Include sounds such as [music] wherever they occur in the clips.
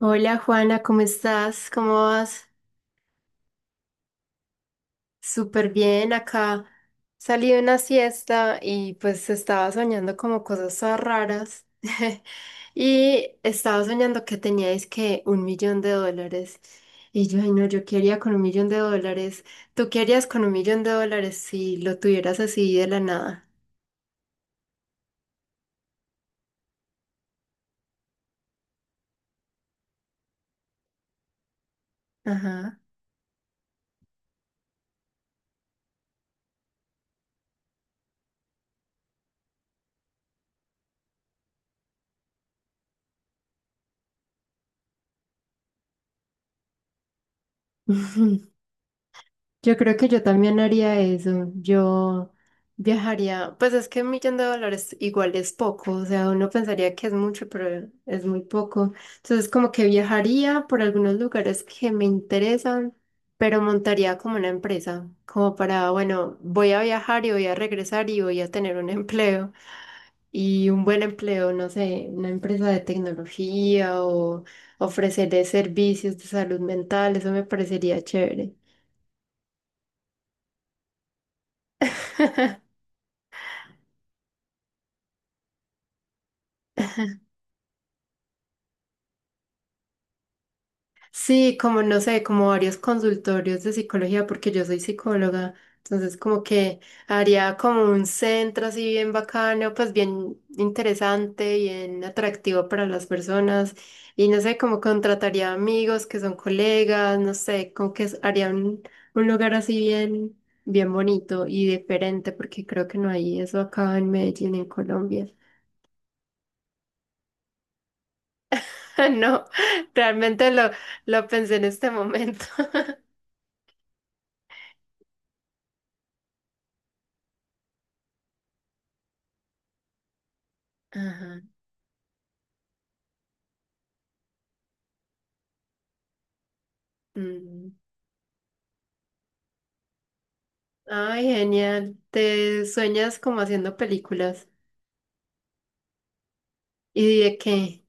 Hola Juana, ¿cómo estás? ¿Cómo vas? Súper bien acá. Salí de una siesta y pues estaba soñando como cosas todas raras. [laughs] Y estaba soñando que teníais que un millón de dólares. Y yo, ay no, yo quería con un millón de dólares. ¿Tú qué harías con un millón de dólares si lo tuvieras así de la nada? Ajá. [laughs] Yo creo que yo también haría eso. Yo viajaría, pues es que un millón de dólares igual es poco, o sea, uno pensaría que es mucho, pero es muy poco. Entonces, como que viajaría por algunos lugares que me interesan, pero montaría como una empresa, como para, bueno, voy a viajar y voy a regresar y voy a tener un [laughs] empleo y un buen empleo, no sé, una empresa de tecnología o ofreceré servicios de salud mental, eso me parecería chévere. [laughs] Sí, como no sé, como varios consultorios de psicología, porque yo soy psicóloga, entonces como que haría como un centro así bien bacano, pues bien interesante, bien atractivo para las personas y no sé, como contrataría amigos que son colegas, no sé, como que haría un lugar así bien, bien bonito y diferente, porque creo que no hay eso acá en Medellín, en Colombia. [laughs] No, realmente lo pensé en este momento. [laughs] Ajá. Mm. Ay, genial. Te sueñas como haciendo películas. ¿Y de qué?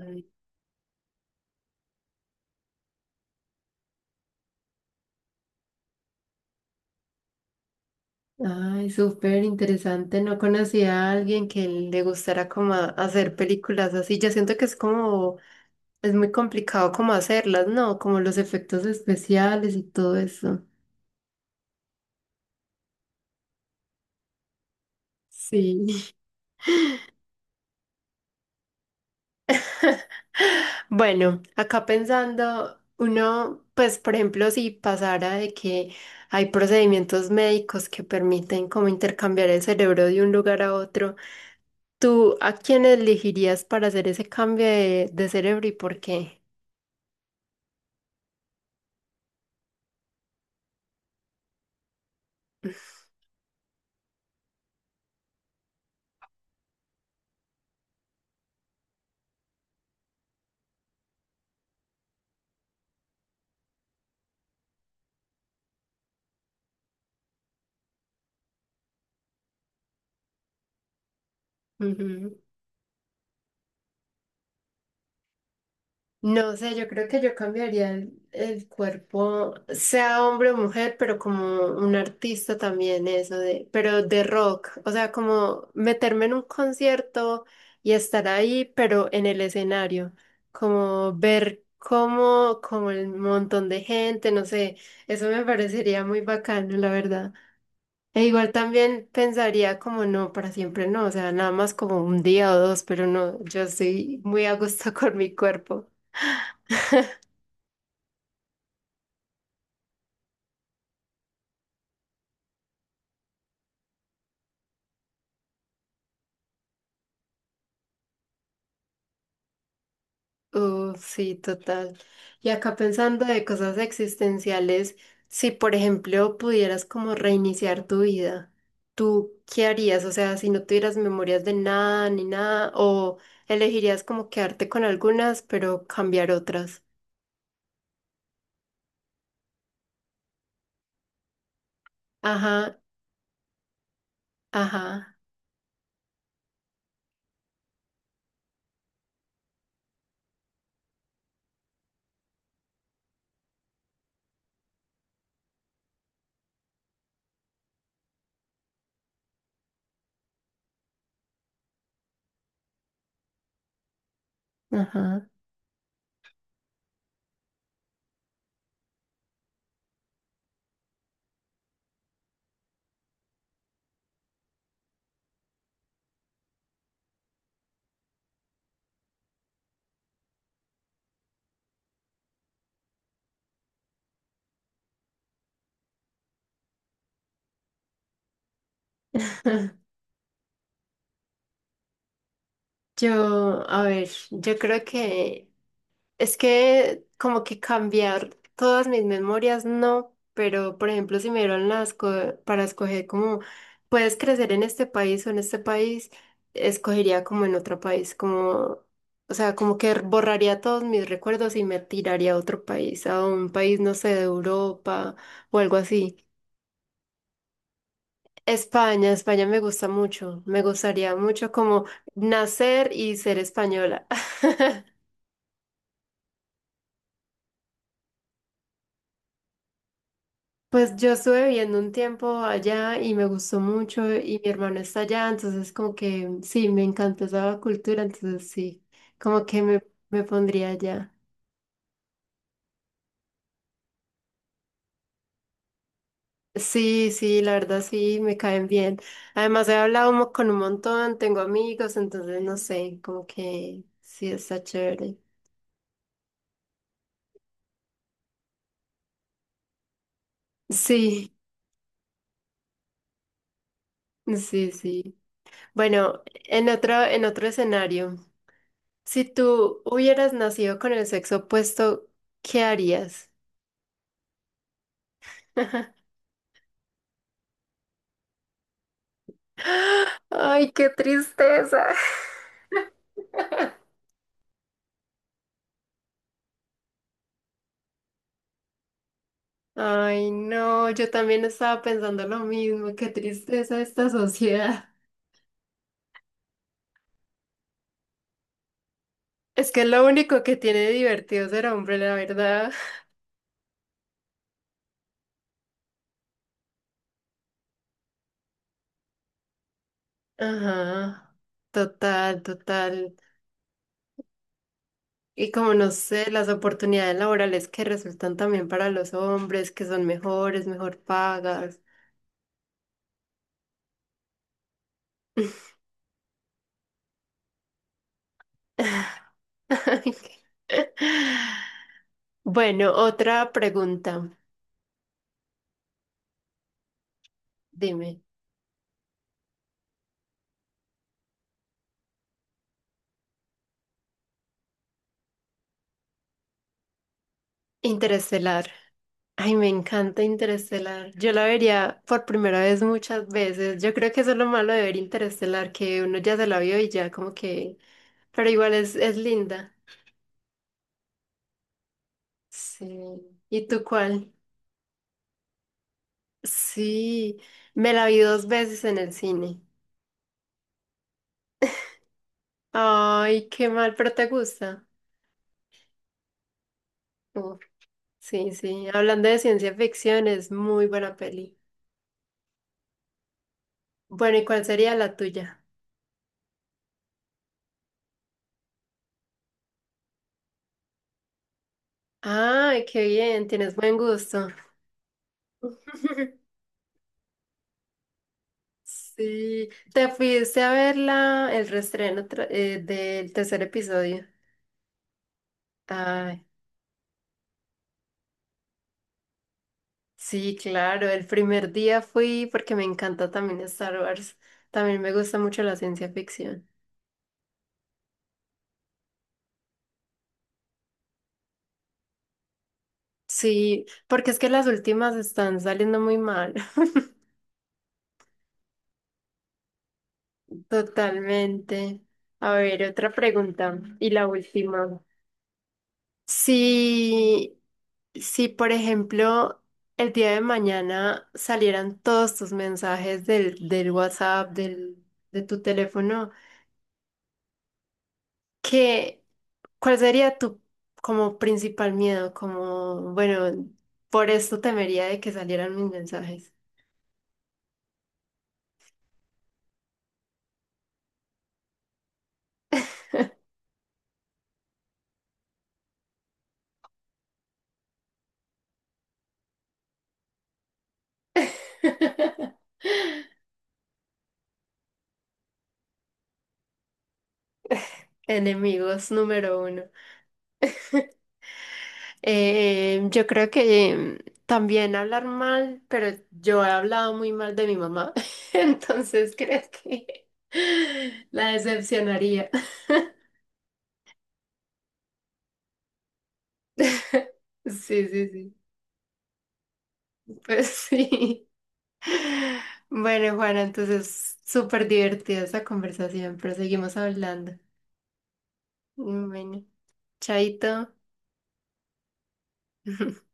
Ay, ay, súper interesante. No conocía a alguien que le gustara como hacer películas así. Yo siento que es como, es muy complicado como hacerlas, ¿no? Como los efectos especiales y todo eso. Sí. [laughs] Bueno, acá pensando, uno, pues por ejemplo, si pasara de que hay procedimientos médicos que permiten como intercambiar el cerebro de un lugar a otro, ¿tú a quién elegirías para hacer ese cambio de cerebro y por qué? No sé, yo creo que yo cambiaría el cuerpo, sea hombre o mujer, pero como un artista también, eso de, pero de rock, o sea, como meterme en un concierto y estar ahí, pero en el escenario, como ver cómo, como el montón de gente, no sé, eso me parecería muy bacano, la verdad. E igual también pensaría como no, para siempre no, o sea, nada más como un día o dos, pero no, yo estoy muy a gusto [laughs] con mi cuerpo. Sí, total. Y acá pensando de cosas existenciales, si por ejemplo pudieras como reiniciar tu vida, ¿tú qué harías? O sea, si no tuvieras memorias de nada ni nada, o elegirías como quedarte con algunas, pero cambiar otras. Ajá, ajá, ajá. [laughs] Yo, a ver, yo creo que es que como que cambiar todas mis memorias, no, pero por ejemplo, si me dieron para escoger como puedes crecer en este país o en este país, escogería como en otro país, como, o sea, como que borraría todos mis recuerdos y me tiraría a otro país, a un país, no sé, de Europa o algo así. España, España me gusta mucho, me gustaría mucho como nacer y ser española. Pues yo estuve viviendo un tiempo allá y me gustó mucho y mi hermano está allá, entonces como que sí, me encantó esa cultura, entonces sí, como que me pondría allá. Sí, sí, la verdad sí, me caen bien. Además he hablado con un montón, tengo amigos, entonces no sé, como que sí, está chévere. Sí, sí, sí. Bueno, en otro escenario, si tú hubieras nacido con el sexo opuesto, ¿qué harías? [laughs] Ay, qué tristeza. Ay, no, yo también estaba pensando lo mismo, qué tristeza esta sociedad. Es que lo único que tiene de divertido ser hombre, la verdad. Ajá, total, total. Y como no sé, las oportunidades laborales que resultan también para los hombres, que son mejores, mejor pagas. [laughs] Ay, qué- Bueno, otra pregunta, dime. Interestelar. Ay, me encanta Interestelar. Yo la vería por primera vez muchas veces. Yo creo que eso es lo malo de ver Interestelar, que uno ya se la vio y ya como que... Pero igual es linda. Sí. ¿Y tú cuál? Sí, me la vi dos veces en el cine. Ay, qué mal, pero te gusta. Uf, sí, sí. Hablando de ciencia ficción, es muy buena peli. Bueno, ¿y cuál sería la tuya? Ay, qué bien, tienes buen gusto. [laughs] Sí, te fuiste a ver el reestreno del tercer episodio. Ay, sí, claro, el primer día fui porque me encanta también Star Wars. También me gusta mucho la ciencia ficción. Sí, porque es que las últimas están saliendo muy mal. [laughs] Totalmente. A ver, otra pregunta. Y la última. Si, si, Por ejemplo, el día de mañana salieran todos tus mensajes del WhatsApp, de tu teléfono, ¿qué, ¿cuál sería tu como principal miedo? Como, bueno, por esto temería de que salieran mis mensajes. [laughs] Enemigos número uno. Yo creo que también hablar mal, pero yo he hablado muy mal de mi mamá, [laughs] entonces creo que [laughs] la decepcionaría. [laughs] Sí, sí, sí. Pues sí. Bueno, Juana, entonces súper divertida esta conversación, pero seguimos hablando. Bueno, chaito. [laughs]